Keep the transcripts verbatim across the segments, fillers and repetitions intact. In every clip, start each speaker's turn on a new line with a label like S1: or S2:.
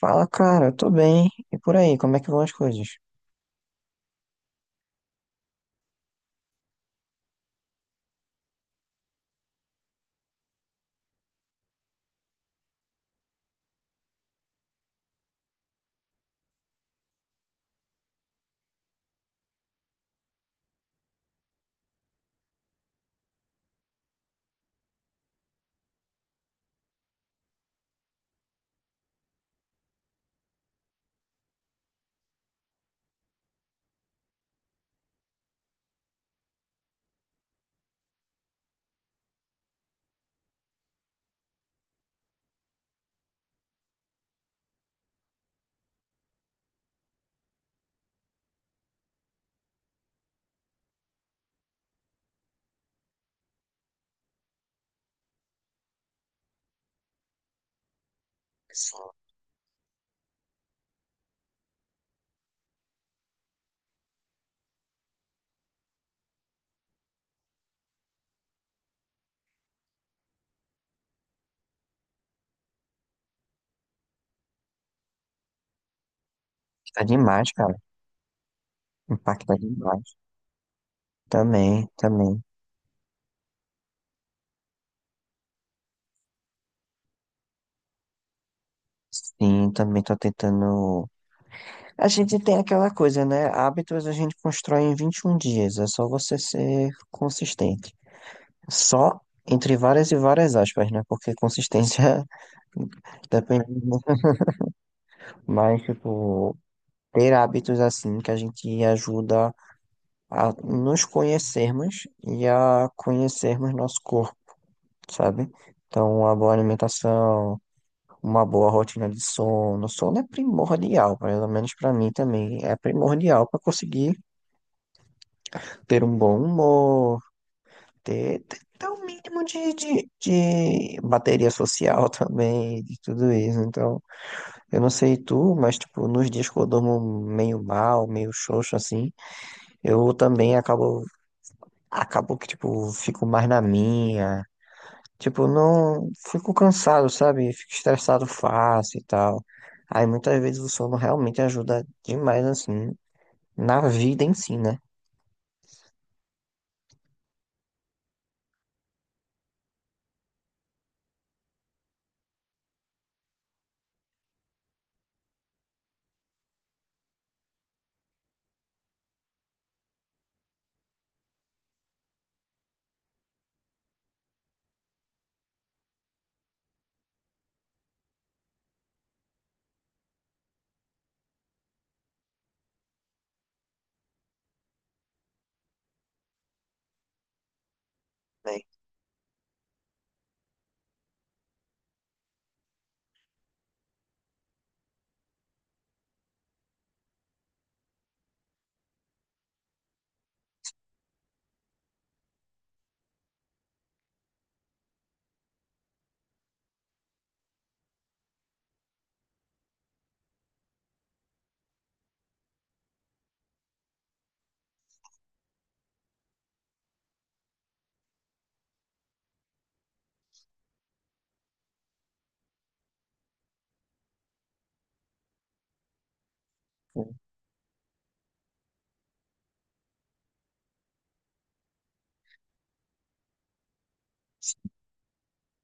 S1: Fala, cara, tô bem. E por aí, como é que vão as coisas? Tá demais, cara. Impacta demais. Também, também. Sim, também tô tentando. A gente tem aquela coisa, né? Hábitos a gente constrói em vinte e um dias. É só você ser consistente. Só entre várias e várias aspas, né? Porque consistência depende muito. Mas, tipo, ter hábitos assim que a gente ajuda a nos conhecermos e a conhecermos nosso corpo, sabe? Então, uma boa alimentação, uma boa rotina de sono. Sono é primordial, pelo menos para mim também. É primordial para conseguir ter um bom humor, ter, ter, ter um mínimo de, de, de bateria social também, de tudo isso. Então, eu não sei tu, mas tipo, nos dias que eu durmo meio mal, meio xoxo assim, eu também acabo. Acabo que, tipo, fico mais na minha. Tipo, não fico cansado, sabe? Fico estressado fácil e tal. Aí muitas vezes o sono realmente ajuda demais, assim, na vida em si, né? Véi?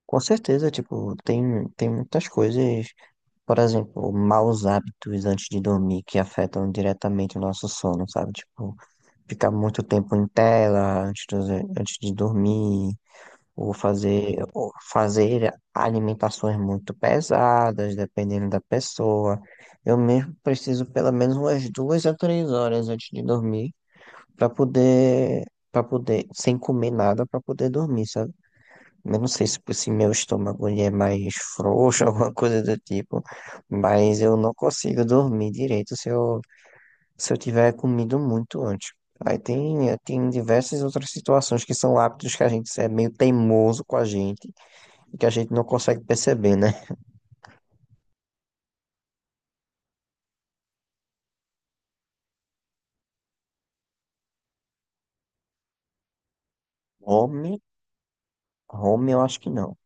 S1: Com certeza, tipo, tem, tem muitas coisas, por exemplo, maus hábitos antes de dormir que afetam diretamente o nosso sono, sabe? Tipo, ficar muito tempo em tela antes de, antes de dormir, ou fazer, ou fazer alimentações muito pesadas, dependendo da pessoa. Eu mesmo preciso pelo menos umas duas a três horas antes de dormir para poder, para poder, sem comer nada, para poder dormir, sabe? Eu não sei se, se meu estômago ele é mais frouxo, alguma coisa do tipo, mas eu não consigo dormir direito se eu, se eu tiver comido muito antes. Aí tem, tem diversas outras situações que são hábitos que a gente é meio teimoso com a gente, que a gente não consegue perceber, né? Home, home eu acho que não.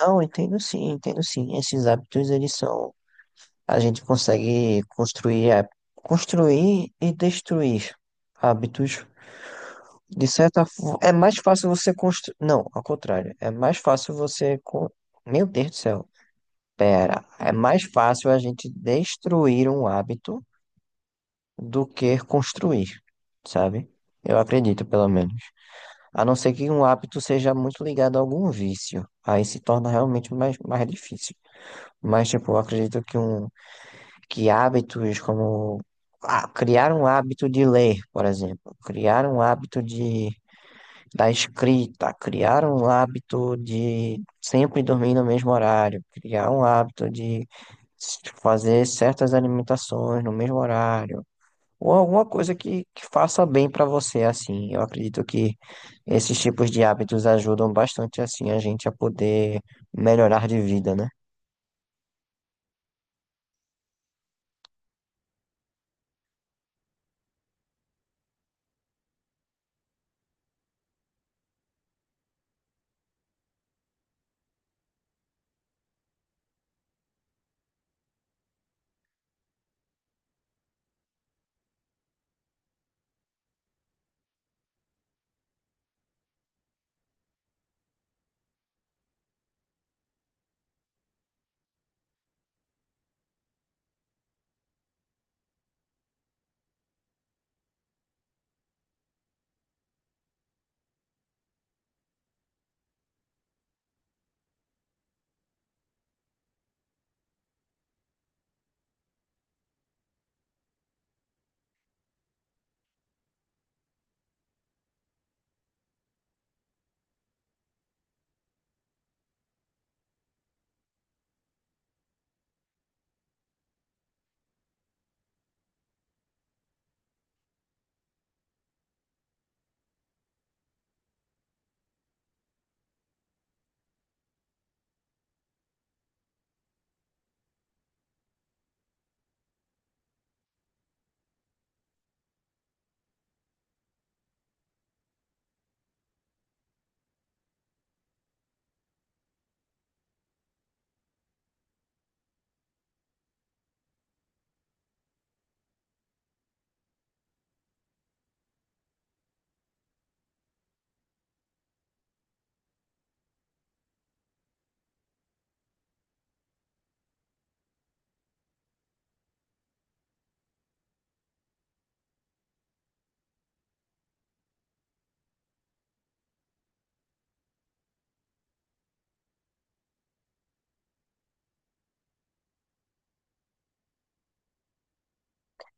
S1: Não, entendo sim, entendo sim. Esses hábitos, eles são. A gente consegue construir, há- construir e destruir hábitos. De certa forma, é mais fácil você construir. Não, ao contrário. É mais fácil você. co- meu Deus do céu. Pera. É mais fácil a gente destruir um hábito do que construir, sabe? Eu acredito, pelo menos. A não ser que um hábito seja muito ligado a algum vício. Aí se torna realmente mais, mais difícil. Mas, tipo, eu acredito que, um, que hábitos como ah, criar um hábito de ler, por exemplo, criar um hábito de, da escrita, criar um hábito de sempre dormir no mesmo horário, criar um hábito de s- fazer certas alimentações no mesmo horário ou alguma coisa que, que faça bem para você, assim. Eu acredito que esses tipos de hábitos ajudam bastante, assim, a gente a poder melhorar de vida, né?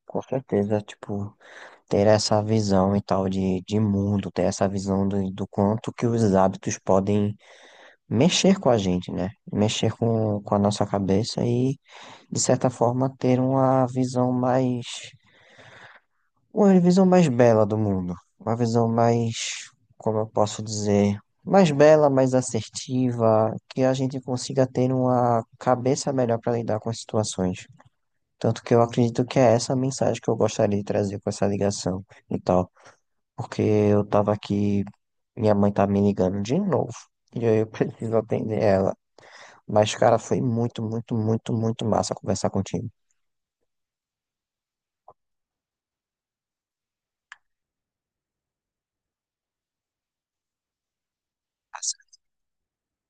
S1: Com certeza, tipo, ter essa visão e tal de, de mundo, ter essa visão do, do quanto que os hábitos podem mexer com a gente, né? Mexer com, com a nossa cabeça e, de certa forma, ter uma visão mais... Uma visão mais bela do mundo. Uma visão mais, como eu posso dizer, mais bela, mais assertiva, que a gente consiga ter uma cabeça melhor para lidar com as situações. Tanto que eu acredito que é essa a mensagem que eu gostaria de trazer com essa ligação e tal. Porque eu tava aqui, minha mãe tá me ligando de novo, e aí eu preciso atender ela. Mas, cara, foi muito, muito, muito, muito massa conversar contigo.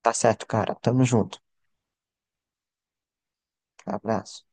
S1: Tá certo, cara. Tamo junto. Abraço.